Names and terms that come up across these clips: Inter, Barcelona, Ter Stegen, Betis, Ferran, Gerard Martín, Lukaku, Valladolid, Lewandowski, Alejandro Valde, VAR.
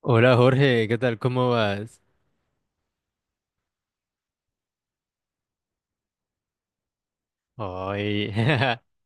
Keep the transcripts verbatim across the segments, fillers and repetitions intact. Hola Jorge, ¿qué tal? ¿Cómo vas? Hoy,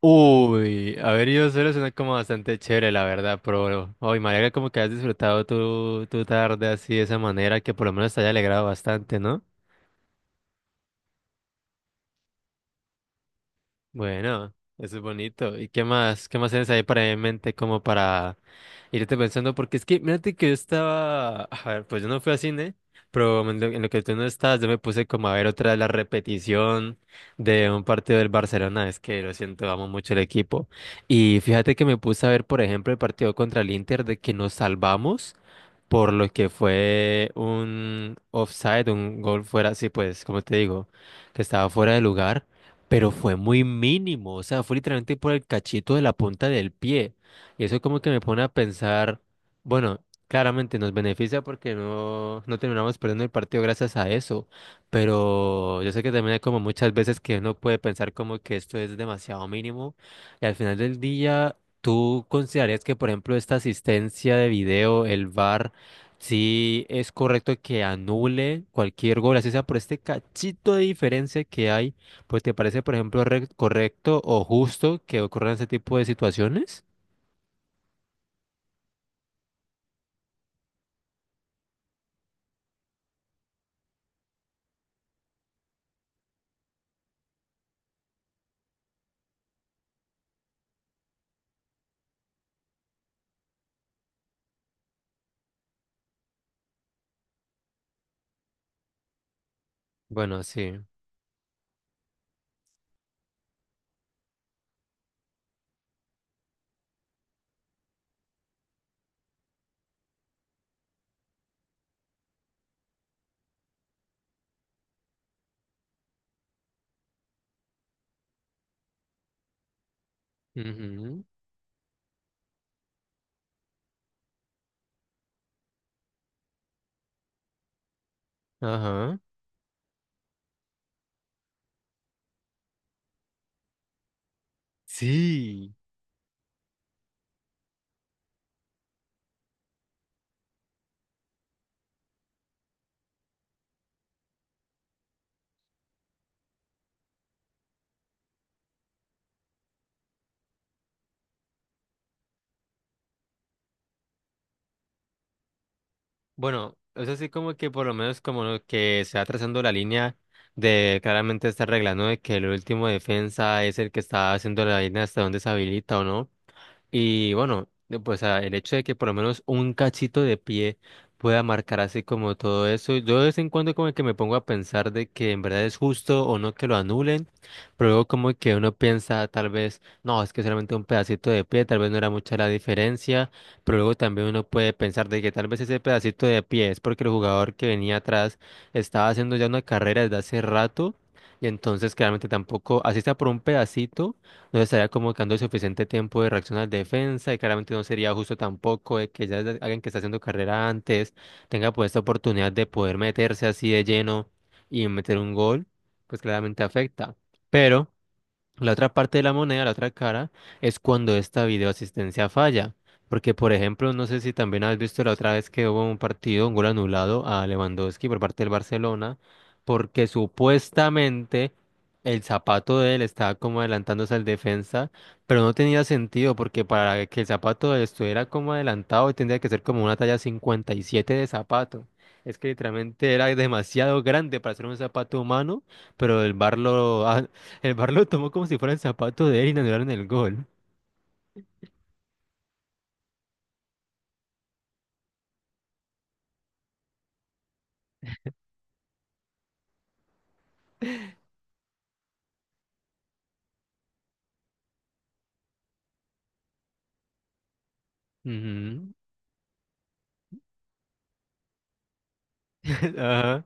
uy, haber ido solo suena como bastante chévere, la verdad, pero hoy me alegra como que has disfrutado tu, tu tarde así de esa manera, que por lo menos te haya alegrado bastante, ¿no? Bueno, eso es bonito. ¿Y qué más? ¿Qué más tienes ahí para en mente como para irte pensando? Porque es que, mírate que yo estaba, a ver, pues yo no fui a cine, pero en lo, en lo que tú no estás, yo me puse como a ver otra de la repetición de un partido del Barcelona. Es que lo siento, amo mucho el equipo. Y fíjate que me puse a ver, por ejemplo, el partido contra el Inter de que nos salvamos por lo que fue un offside, un gol fuera, sí, pues, como te digo, que estaba fuera de lugar, pero fue muy mínimo, o sea, fue literalmente por el cachito de la punta del pie. Y eso como que me pone a pensar, bueno, claramente nos beneficia porque no, no terminamos perdiendo el partido gracias a eso, pero yo sé que también hay como muchas veces que uno puede pensar como que esto es demasiado mínimo y al final del día... ¿Tú considerarías que, por ejemplo, esta asistencia de video, el VAR, sí, es correcto que anule cualquier gol, así sea por este cachito de diferencia que hay, pues ¿te parece, por ejemplo, re- correcto o justo que ocurran ese tipo de situaciones? Bueno, sí. Ujú. Ajá. Sí. Bueno, es así como que por lo menos como lo que se va trazando la línea de claramente esta regla, ¿no? De que el último defensa es el que está haciendo la línea hasta donde se habilita o no. Y bueno, de- pues ah, el hecho de que por lo menos un cachito de pie pueda marcar así como todo eso, yo de vez en cuando como que me pongo a pensar de que en verdad es justo o no que lo anulen, pero luego como que uno piensa tal vez, no, es que solamente un pedacito de pie, tal vez no era mucha la diferencia, pero luego también uno puede pensar de que tal vez ese pedacito de pie es porque el jugador que venía atrás estaba haciendo ya una carrera desde hace rato, y entonces claramente tampoco, así está por un pedacito no estaría como que dando el suficiente tiempo de reacción a la defensa y claramente no sería justo tampoco de que ya alguien que está haciendo carrera antes tenga pues esta oportunidad de poder meterse así de lleno y meter un gol, pues claramente afecta. Pero la otra parte de la moneda, la otra cara, es cuando esta videoasistencia falla. Porque, por ejemplo, no sé si también has visto la otra vez que hubo un partido, un gol anulado a Lewandowski por parte del Barcelona, porque supuestamente el zapato de él estaba como adelantándose al defensa, pero no tenía sentido porque para que el zapato de él estuviera como adelantado tendría que ser como una talla cincuenta y siete de zapato. Es que literalmente era demasiado grande para ser un zapato humano pero el bar lo, el bar lo tomó como si fuera el zapato de él y le anularon el gol. Ujú. Ajá.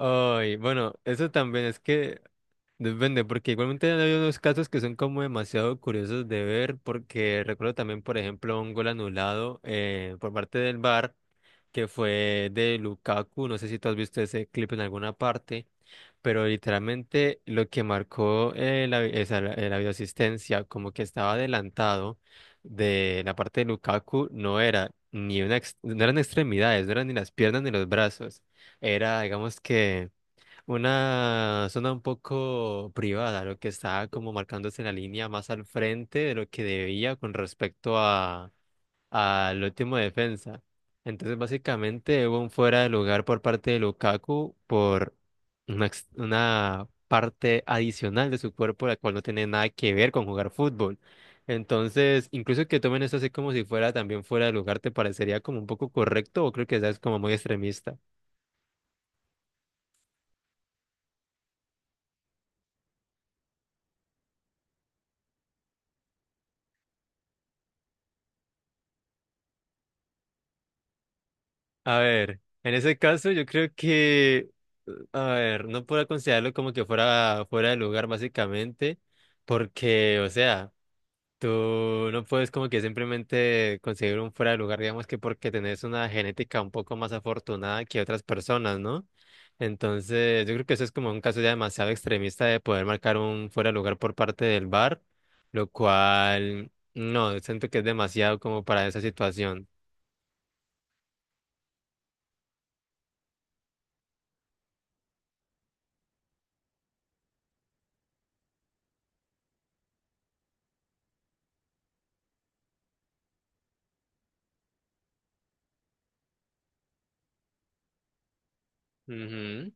Ay, bueno, eso también es que. Depende, porque igualmente hay unos casos que son como demasiado curiosos de ver, porque recuerdo también, por ejemplo, un gol anulado eh, por parte del VAR, que fue de Lukaku, no sé si tú has visto ese clip en alguna parte, pero literalmente lo que marcó eh, la, esa, la, eh, la videoasistencia, como que estaba adelantado de la parte de Lukaku, no era ni una, ex- no eran extremidades, no eran ni las piernas ni los brazos, era, digamos que... Una zona un poco privada, lo que estaba como marcándose la línea más al frente de lo que debía con respecto a al último defensa. Entonces, básicamente hubo un fuera de lugar por parte de Lukaku por una, ex- una parte adicional de su cuerpo, la cual no tiene nada que ver con jugar fútbol. Entonces, incluso que tomen esto así como si fuera también fuera de lugar, ¿te parecería como un poco correcto o creo que ya es como muy extremista? A ver, en ese caso yo creo que, a ver, no puedo considerarlo como que fuera fuera de lugar básicamente, porque, o sea, tú no puedes como que simplemente conseguir un fuera de lugar, digamos que porque tenés una genética un poco más afortunada que otras personas, ¿no? Entonces, yo creo que eso es como un caso ya demasiado extremista de poder marcar un fuera de lugar por parte del bar, lo cual, no, siento que es demasiado como para esa situación. Ujú.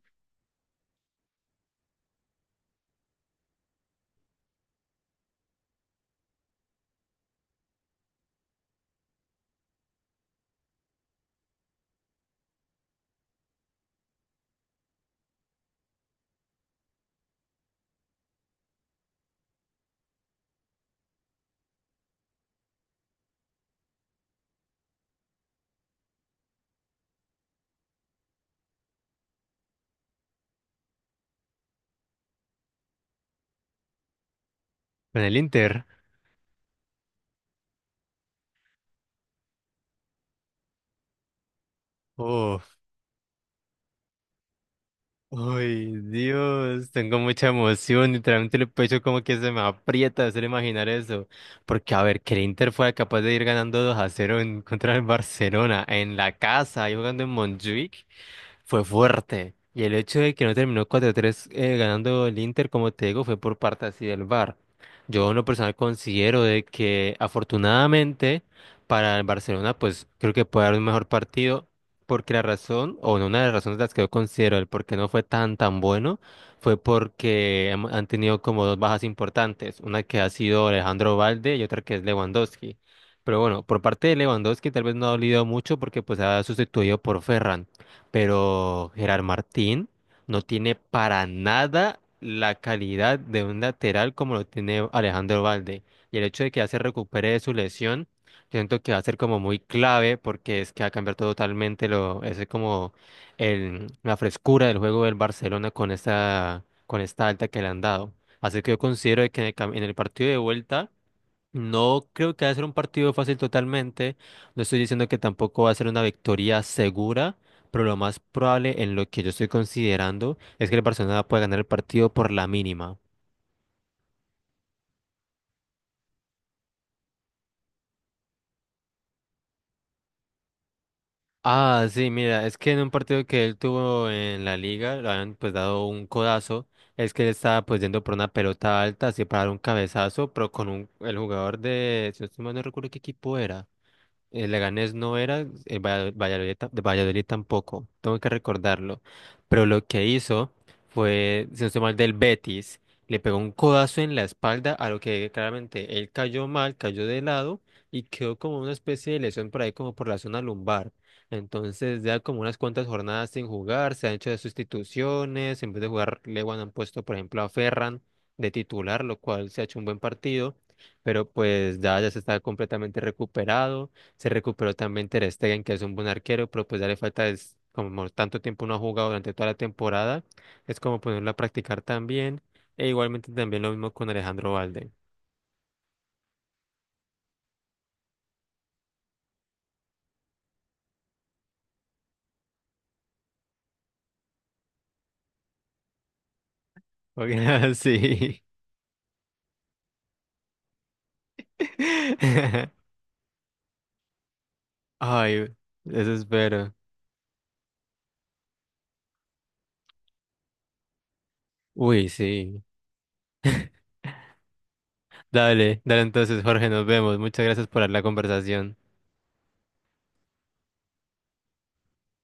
Con el Inter. Oh, ay, Dios, tengo mucha emoción, literalmente el pecho como que se me aprieta de hacer imaginar eso, porque a ver, que el Inter fue capaz de ir ganando dos a cero en contra del Barcelona, en la casa, ahí jugando en Montjuic, fue fuerte. Y el hecho de que no terminó cuatro a tres eh, ganando el Inter, como te digo, fue por parte así del VAR. Yo en lo personal considero de que afortunadamente para el Barcelona, pues creo que puede dar un mejor partido, porque la razón, o no, una de las razones de las que yo considero el por qué no fue tan tan bueno, fue porque hem- han tenido como dos bajas importantes, una que ha sido Alejandro Valde y otra que es Lewandowski. Pero bueno, por parte de Lewandowski tal vez no ha dolido mucho porque pues ha sustituido por Ferran pero Gerard Martín no tiene para nada la calidad de un lateral como lo tiene Alejandro Valde. Y el hecho de que ya se recupere de su lesión, siento que va a ser como muy clave porque es que va a cambiar totalmente lo, ese como el, la frescura del juego del Barcelona con esta, con esta alta que le han dado. Así que yo considero de que en el, cam- en el partido de vuelta no creo que va a ser un partido fácil totalmente. No estoy diciendo que tampoco va a ser una victoria segura, pero lo más probable en lo que yo estoy considerando es que el Barcelona pueda ganar el partido por la mínima. Ah, sí, mira, es que en un partido que él tuvo en la liga, le habían pues dado un codazo, es que él estaba pues yendo por una pelota alta, así para dar un cabezazo, pero con un, el jugador de, si no estoy mal, no recuerdo qué equipo era. El Leganés no era, el Valla- Valladolid, ta- de Valladolid tampoco, tengo que recordarlo. Pero lo que hizo fue, si no estoy mal, del Betis, le pegó un codazo en la espalda, a lo que claramente él cayó mal, cayó de lado y quedó como una especie de lesión por ahí, como por la zona lumbar. Entonces, ya como unas cuantas jornadas sin jugar, se han hecho de sustituciones, en vez de jugar Lewan han puesto, por ejemplo, a Ferran de titular, lo cual se ha hecho un buen partido, pero pues ya, ya se está completamente recuperado. Se recuperó también Ter Stegen, que es un buen arquero, pero pues ya le falta, es como tanto tiempo no ha jugado durante toda la temporada, es como ponerlo a practicar también. E igualmente también lo mismo con Alejandro Valde. Porque, sí. Ay, eso espero. Uy, sí. Dale, dale entonces, Jorge, nos vemos. Muchas gracias por la conversación.